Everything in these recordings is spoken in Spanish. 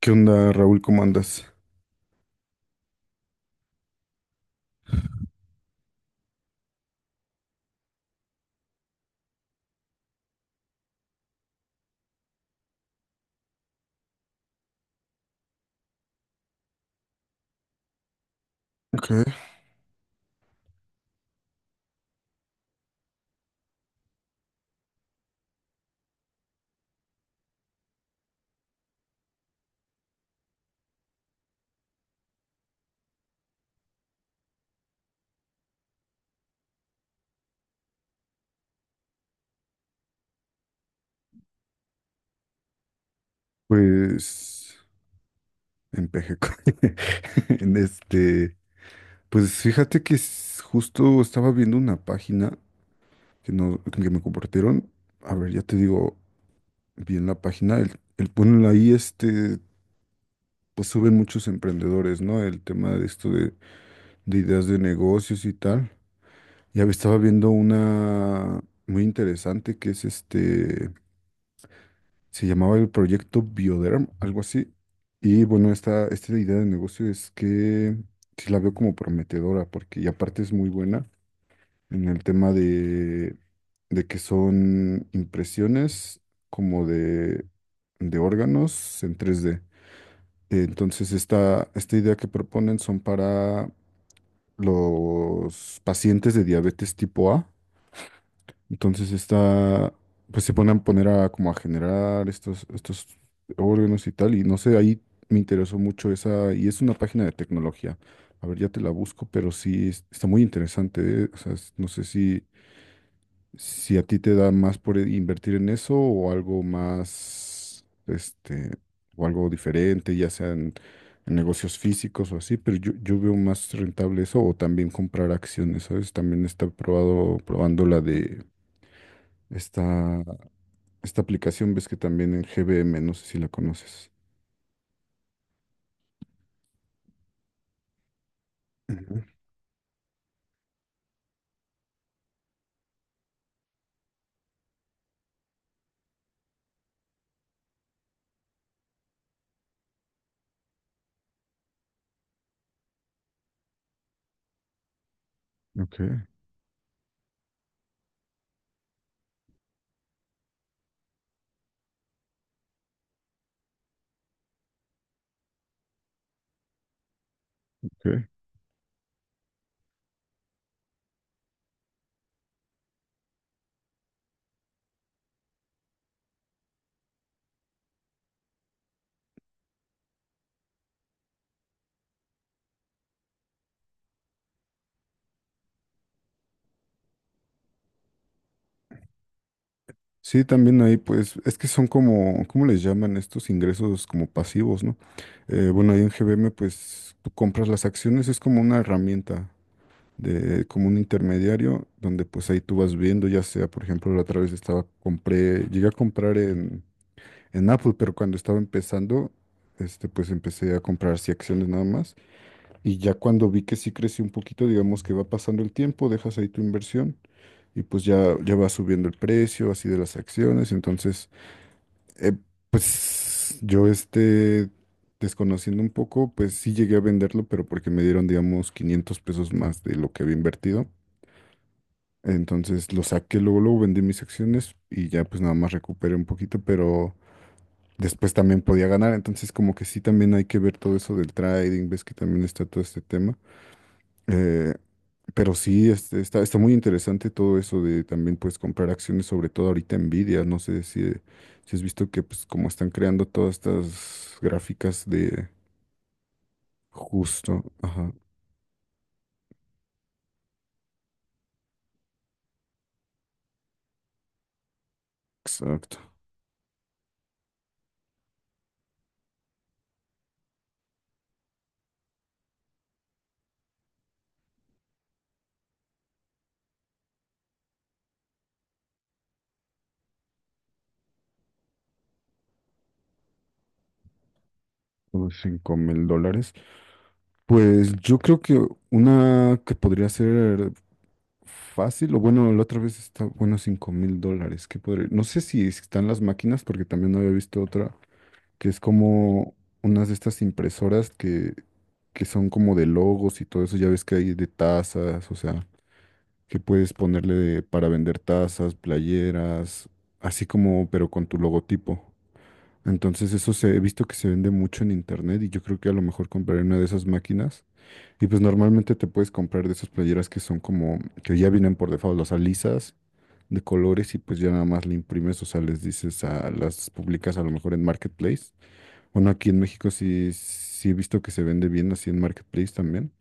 ¿Qué onda, Raúl? ¿Cómo andas? Okay. Pues en Pejeco. En este, pues fíjate que justo estaba viendo una página que no, que me compartieron. A ver, ya te digo bien la página. El, bueno, ahí, pues suben muchos emprendedores, ¿no? El tema de esto de, ideas de negocios y tal. Estaba viendo una muy interesante que es este. Se llamaba el proyecto Bioderm, algo así. Y bueno, esta idea de negocio es que sí la veo como prometedora, porque y aparte es muy buena en el tema de, que son impresiones como de órganos en 3D. Entonces, esta idea que proponen son para los pacientes de diabetes tipo A, entonces está, pues se ponen a poner a como a generar estos órganos y tal, y no sé, ahí me interesó mucho esa, y es una página de tecnología. A ver, ya te la busco, pero está muy interesante, ¿eh? O sea, no sé si, a ti te da más por invertir en eso o algo más, este, o algo diferente, ya sea en negocios físicos o así, pero yo veo más rentable eso o también comprar acciones, ¿sabes? También está probado, probando la de esta, esta aplicación, ves que también en GBM, no sé si la conoces. Ujú. Ok, ok. Sí, también ahí pues es que son como, ¿cómo les llaman estos ingresos como pasivos, ¿no? Bueno, ahí en GBM pues tú compras las acciones, es como una herramienta de como un intermediario donde pues ahí tú vas viendo, ya sea, por ejemplo, la otra vez estaba, compré, llegué a comprar en, Apple, pero cuando estaba empezando, este pues empecé a comprar sí acciones nada más. Y ya cuando vi que sí creció un poquito, digamos que va pasando el tiempo, dejas ahí tu inversión y pues ya va subiendo el precio así de las acciones. Entonces, eh, pues yo este, desconociendo un poco, pues sí llegué a venderlo, pero porque me dieron, digamos, 500 pesos más de lo que había invertido. Entonces lo saqué, luego, luego vendí mis acciones y ya pues nada más recuperé un poquito, pero después también podía ganar. Entonces como que sí también hay que ver todo eso del trading, ves que también está todo este tema. Eh, Pero sí, este, está muy interesante todo eso de también pues comprar acciones, sobre todo ahorita Nvidia. No sé si, si has visto que pues como están creando todas estas gráficas de justo, ajá, exacto, unos 5 mil dólares. Pues yo creo que una que podría ser fácil, o bueno, la otra vez está, bueno, 5 mil dólares, que podría, no sé si están las máquinas, porque también no había visto otra. Que es como unas de estas impresoras que, son como de logos y todo eso, ya ves que hay de tazas, o sea, que puedes ponerle para vender tazas, playeras, así como, pero con tu logotipo. Entonces eso se, he visto que se vende mucho en internet y yo creo que a lo mejor compraré una de esas máquinas. Y pues normalmente te puedes comprar de esas playeras que son como, que ya vienen por default, las alisas de colores y pues ya nada más le imprimes, o sea, les dices a las publicas a lo mejor en Marketplace. Bueno, aquí en México sí, sí he visto que se vende bien así en Marketplace también.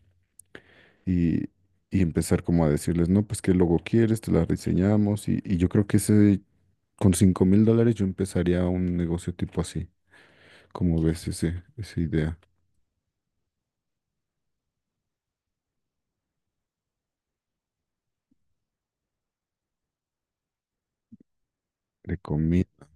Y, y empezar como a decirles, no, pues qué logo quieres, te la diseñamos. Y yo creo que ese, con 5,000 dólares yo empezaría un negocio tipo así. Como ves ese, esa idea de comida?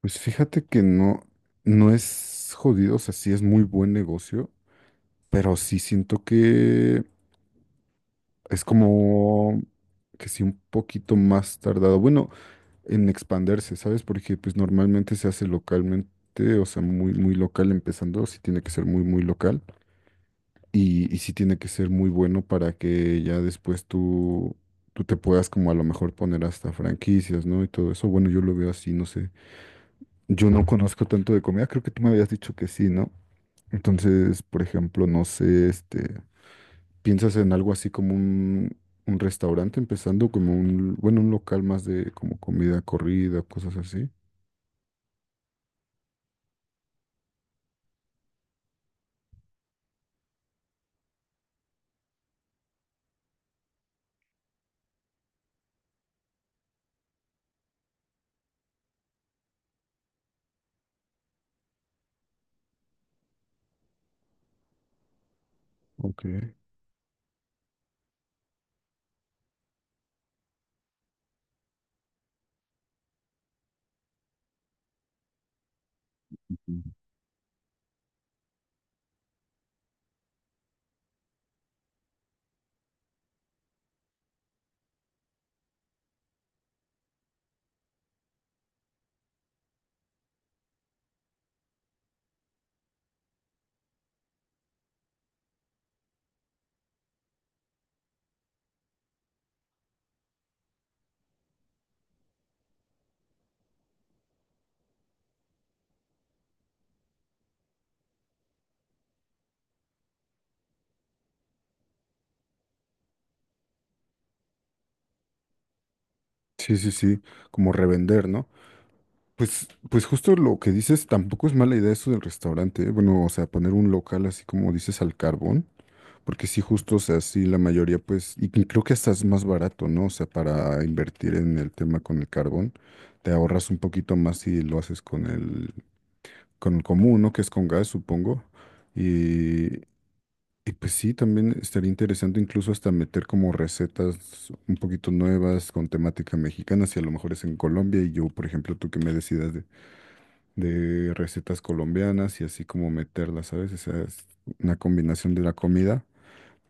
Pues fíjate que no, no es jodido, o sea, sí es muy buen negocio, pero sí siento que es como que sí un poquito más tardado. Bueno, en expandirse, ¿sabes? Porque pues normalmente se hace localmente, o sea, muy, muy local empezando, sí tiene que ser muy, muy local y sí tiene que ser muy bueno para que ya después tú te puedas como a lo mejor poner hasta franquicias, ¿no? Y todo eso, bueno, yo lo veo así, no sé. Yo no conozco tanto de comida, creo que tú me habías dicho que sí, ¿no? Entonces, por ejemplo, no sé, este, ¿piensas en algo así como un... un restaurante empezando como un, bueno, un local más de como comida corrida, cosas así? Ok. Sí, sí, sí, como revender, ¿no? Pues, pues justo lo que dices, tampoco es mala idea eso del restaurante, ¿eh? Bueno, o sea, poner un local así como dices al carbón, porque sí, justo, o sea, sí, la mayoría, pues, y que creo que hasta es más barato, ¿no? O sea, para invertir en el tema con el carbón, te ahorras un poquito más si lo haces con el, común, ¿no? Que es con gas, supongo. Y pues sí, también estaría interesante incluso hasta meter como recetas un poquito nuevas con temática mexicana, si a lo mejor es en Colombia y yo, por ejemplo, tú que me decidas de recetas colombianas y así como meterlas, ¿sabes? O sea, es una combinación de la comida,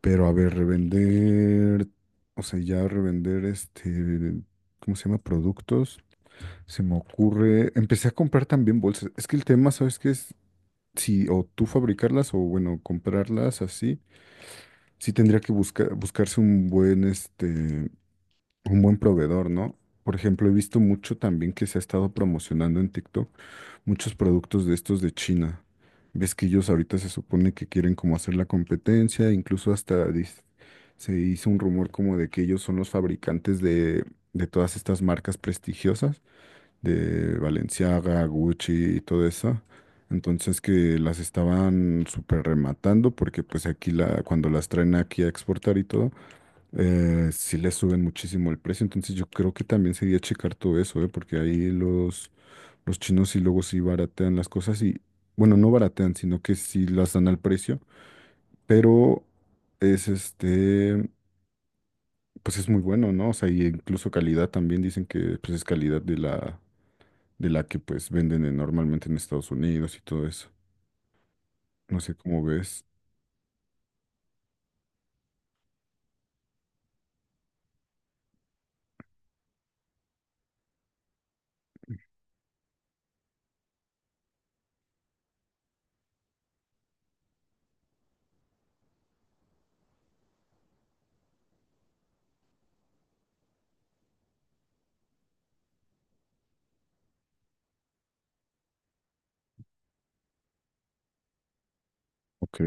pero a ver, revender, o sea, ya revender este, ¿cómo se llama? Productos. Se me ocurre, empecé a comprar también bolsas. Es que el tema, ¿sabes qué es? Si o tú fabricarlas o bueno, comprarlas así, sí tendría que buscar, buscarse un buen, este, un buen proveedor, ¿no? Por ejemplo, he visto mucho también que se ha estado promocionando en TikTok muchos productos de estos de China. Ves que ellos ahorita se supone que quieren como hacer la competencia, incluso hasta se hizo un rumor como de que ellos son los fabricantes de, todas estas marcas prestigiosas de Balenciaga, Gucci y todo eso. Entonces que las estaban súper rematando porque pues aquí la, cuando las traen aquí a exportar y todo, sí les suben muchísimo el precio. Entonces yo creo que también sería checar todo eso, ¿eh? Porque ahí los, chinos sí luego sí baratean las cosas y, bueno, no baratean, sino que sí las dan al precio, pero es este, pues es muy bueno, ¿no? O sea, y incluso calidad también dicen que pues es calidad de la que pues venden normalmente en Estados Unidos y todo eso. No sé cómo ves. Ok.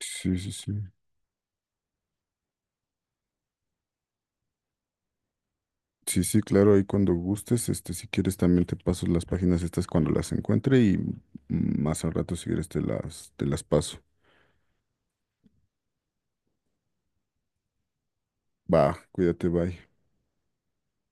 Sí, sí, sí. Sí, sí, claro, ahí cuando gustes, este, si quieres también te paso las páginas estas cuando las encuentre y más al rato si quieres te las, paso. Va, cuídate, bye.